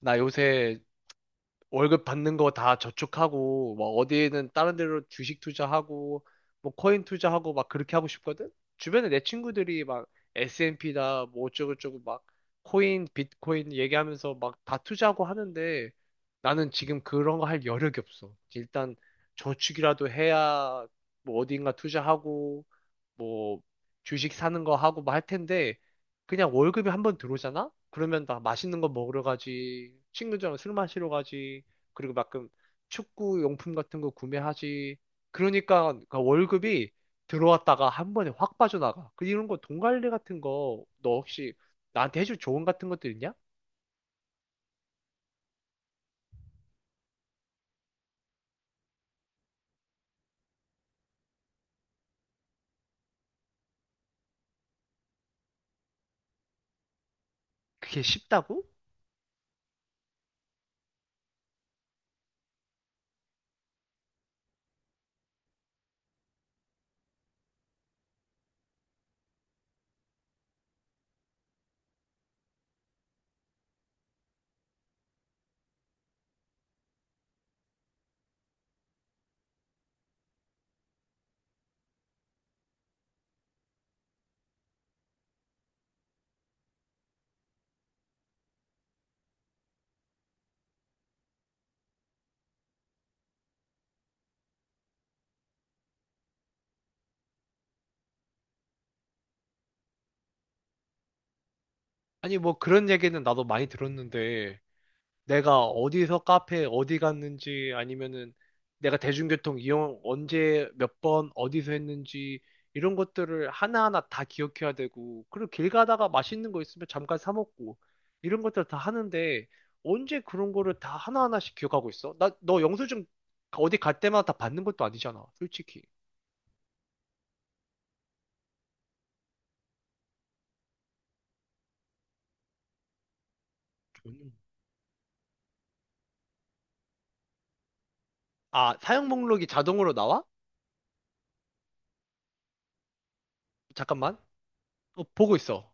나 요새 월급 받는 거 다 저축하고, 뭐 어디에는 다른 데로 주식 투자하고, 뭐 코인 투자하고 막 그렇게 하고 싶거든? 주변에 내 친구들이 막 S&P다, 뭐 어쩌고저쩌고 막 코인, 비트코인 얘기하면서 막 다 투자하고 하는데 나는 지금 그런 거 할 여력이 없어. 일단 저축이라도 해야 뭐 어딘가 투자하고, 뭐 주식 사는 거 하고 뭐 할 텐데 그냥 월급이 한번 들어오잖아? 그러면 나 맛있는 거 먹으러 가지, 친구들이랑 술 마시러 가지, 그리고 가끔 축구 용품 같은 거 구매하지. 그러니까 그 월급이 들어왔다가 한 번에 확 빠져나가. 그 이런 거 돈 관리 같은 거 너 혹시 나한테 해줄 조언 같은 것도 있냐? 그게 쉽다고? 아니 뭐 그런 얘기는 나도 많이 들었는데 내가 어디서 카페 어디 갔는지 아니면은 내가 대중교통 이용 언제 몇 번 어디서 했는지 이런 것들을 하나하나 다 기억해야 되고, 그리고 길 가다가 맛있는 거 있으면 잠깐 사 먹고 이런 것들 다 하는데 언제 그런 거를 다 하나하나씩 기억하고 있어? 나 너 영수증 어디 갈 때마다 다 받는 것도 아니잖아, 솔직히. 전혀. 아, 사용 목록이 자동으로 나와? 잠깐만. 어, 보고 있어.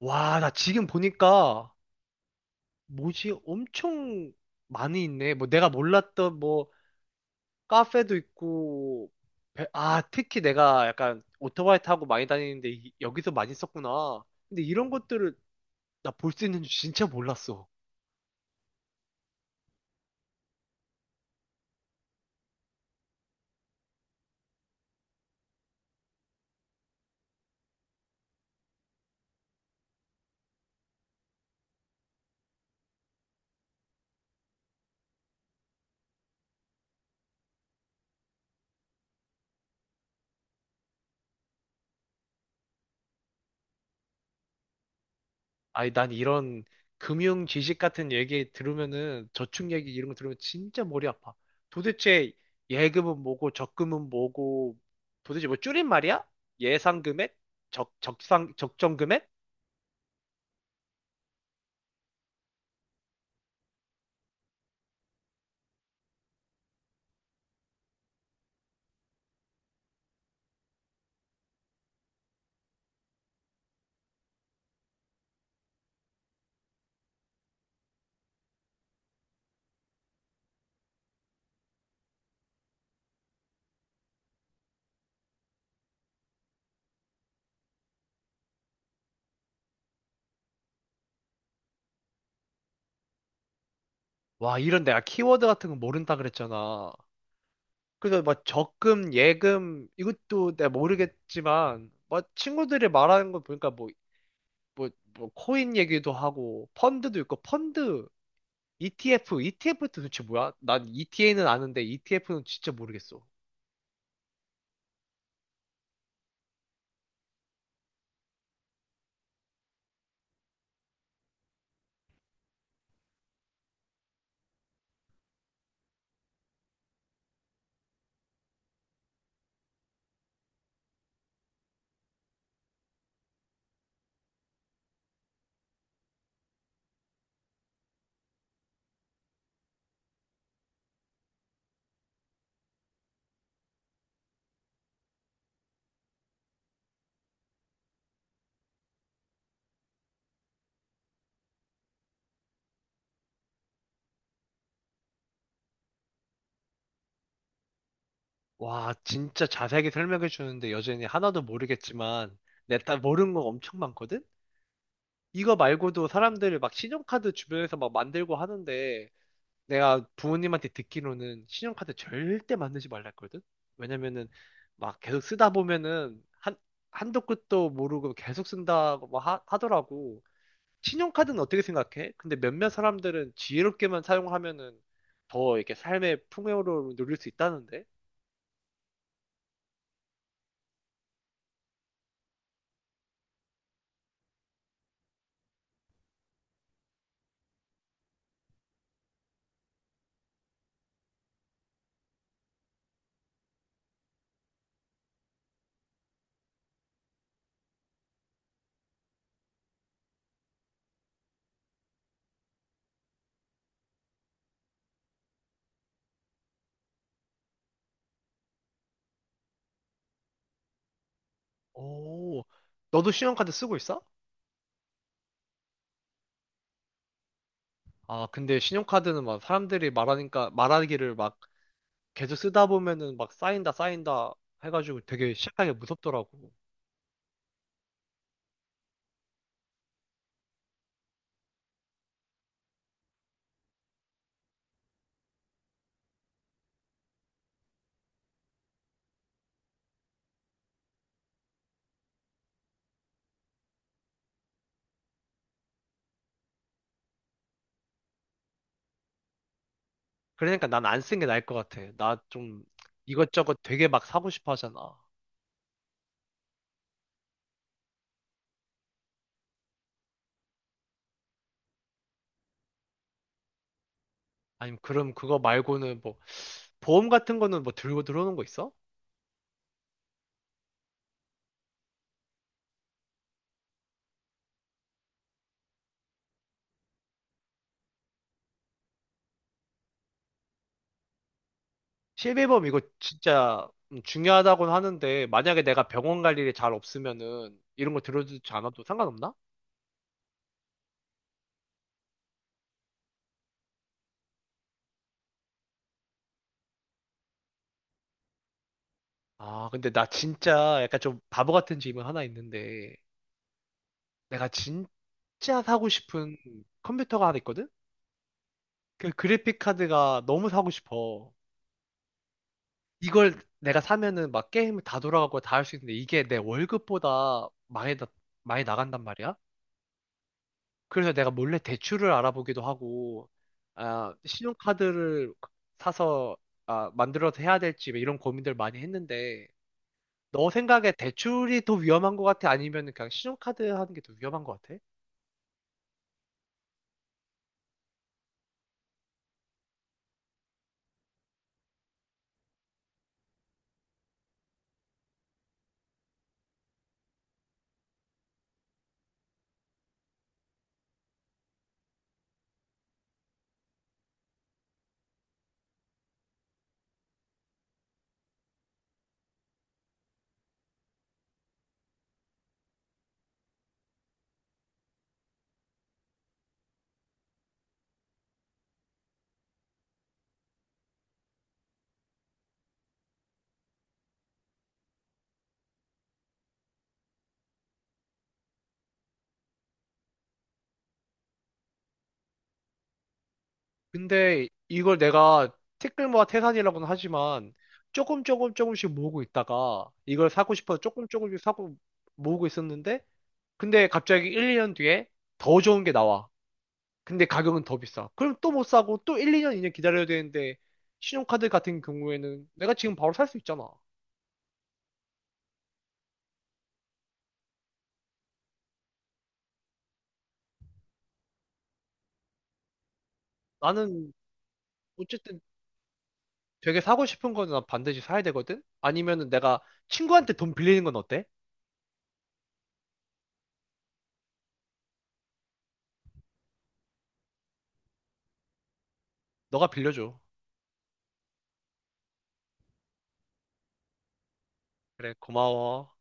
와, 나 지금 보니까 뭐지? 엄청 많이 있네. 뭐 내가 몰랐던 뭐 카페도 있고, 아, 특히 내가 약간 오토바이 타고 많이 다니는데 여기서 많이 썼구나. 근데 이런 것들을 나 볼 수 있는 줄 진짜 몰랐어. 아니, 난 이런 금융 지식 같은 얘기 들으면은 저축 얘기 이런 거 들으면 진짜 머리 아파. 도대체 예금은 뭐고 적금은 뭐고 도대체 뭐 줄임말이야? 예상 금액? 적정 금액? 와, 이런 내가 키워드 같은 거 모른다 그랬잖아. 그래서 막 적금, 예금, 이것도 내가 모르겠지만, 막 친구들이 말하는 거 보니까 뭐, 뭐, 코인 얘기도 하고, 펀드도 있고, 펀드, ETF, ETF도 도대체 뭐야? 난 ETA는 아는데 ETF는 진짜 모르겠어. 와, 진짜 자세하게 설명해 주는데 여전히 하나도 모르겠지만, 내가 모르는 거 엄청 많거든? 이거 말고도 사람들이 막 신용카드 주변에서 막 만들고 하는데, 내가 부모님한테 듣기로는 신용카드 절대 만들지 말라 했거든? 왜냐면은 막 계속 쓰다 보면은 한도 끝도 모르고 계속 쓴다고 막 하더라고. 신용카드는 어떻게 생각해? 근데 몇몇 사람들은 지혜롭게만 사용하면은 더 이렇게 삶의 풍요로움을 누릴 수 있다는데? 오, 너도 신용카드 쓰고 있어? 아, 근데 신용카드는 막 사람들이 말하니까, 말하기를 막 계속 쓰다 보면은 막 쌓인다, 쌓인다 해가지고 되게 시작하기가 무섭더라고. 그러니까 난 안 쓴 게 나을 것 같아. 나 좀 이것저것 되게 막 사고 싶어 하잖아. 아니면 그럼 그거 말고는 뭐 보험 같은 거는 뭐 들고 들어오는 거 있어? 실비보험 이거 진짜 중요하다고는 하는데 만약에 내가 병원 갈 일이 잘 없으면은 이런 거 들어주지 않아도 상관없나? 아, 근데 나 진짜 약간 좀 바보 같은 질문 하나 있는데 내가 진짜 사고 싶은 컴퓨터가 하나 있거든? 그 그래픽 카드가 너무 사고 싶어. 이걸 내가 사면은 막 게임을 다 돌아가고 다 할 수 있는데 이게 내 월급보다 많이 나간단 말이야. 그래서 내가 몰래 대출을 알아보기도 하고, 아, 신용카드를 사서 아, 만들어서 해야 될지 뭐 이런 고민들 많이 했는데, 너 생각에 대출이 더 위험한 것 같아? 아니면 그냥 신용카드 하는 게 더 위험한 것 같아? 근데 이걸 내가 티끌모아 태산이라고는 하지만 조금 조금씩 모으고 있다가 이걸 사고 싶어서 조금씩 사고 모으고 있었는데 근데 갑자기 1, 2년 뒤에 더 좋은 게 나와. 근데 가격은 더 비싸. 그럼 또 못 사고 또 2년 기다려야 되는데 신용카드 같은 경우에는 내가 지금 바로 살 수 있잖아. 나는 어쨌든 되게 사고 싶은 거는 난 반드시 사야 되거든? 아니면은 내가 친구한테 돈 빌리는 건 어때? 너가 빌려줘. 그래, 고마워.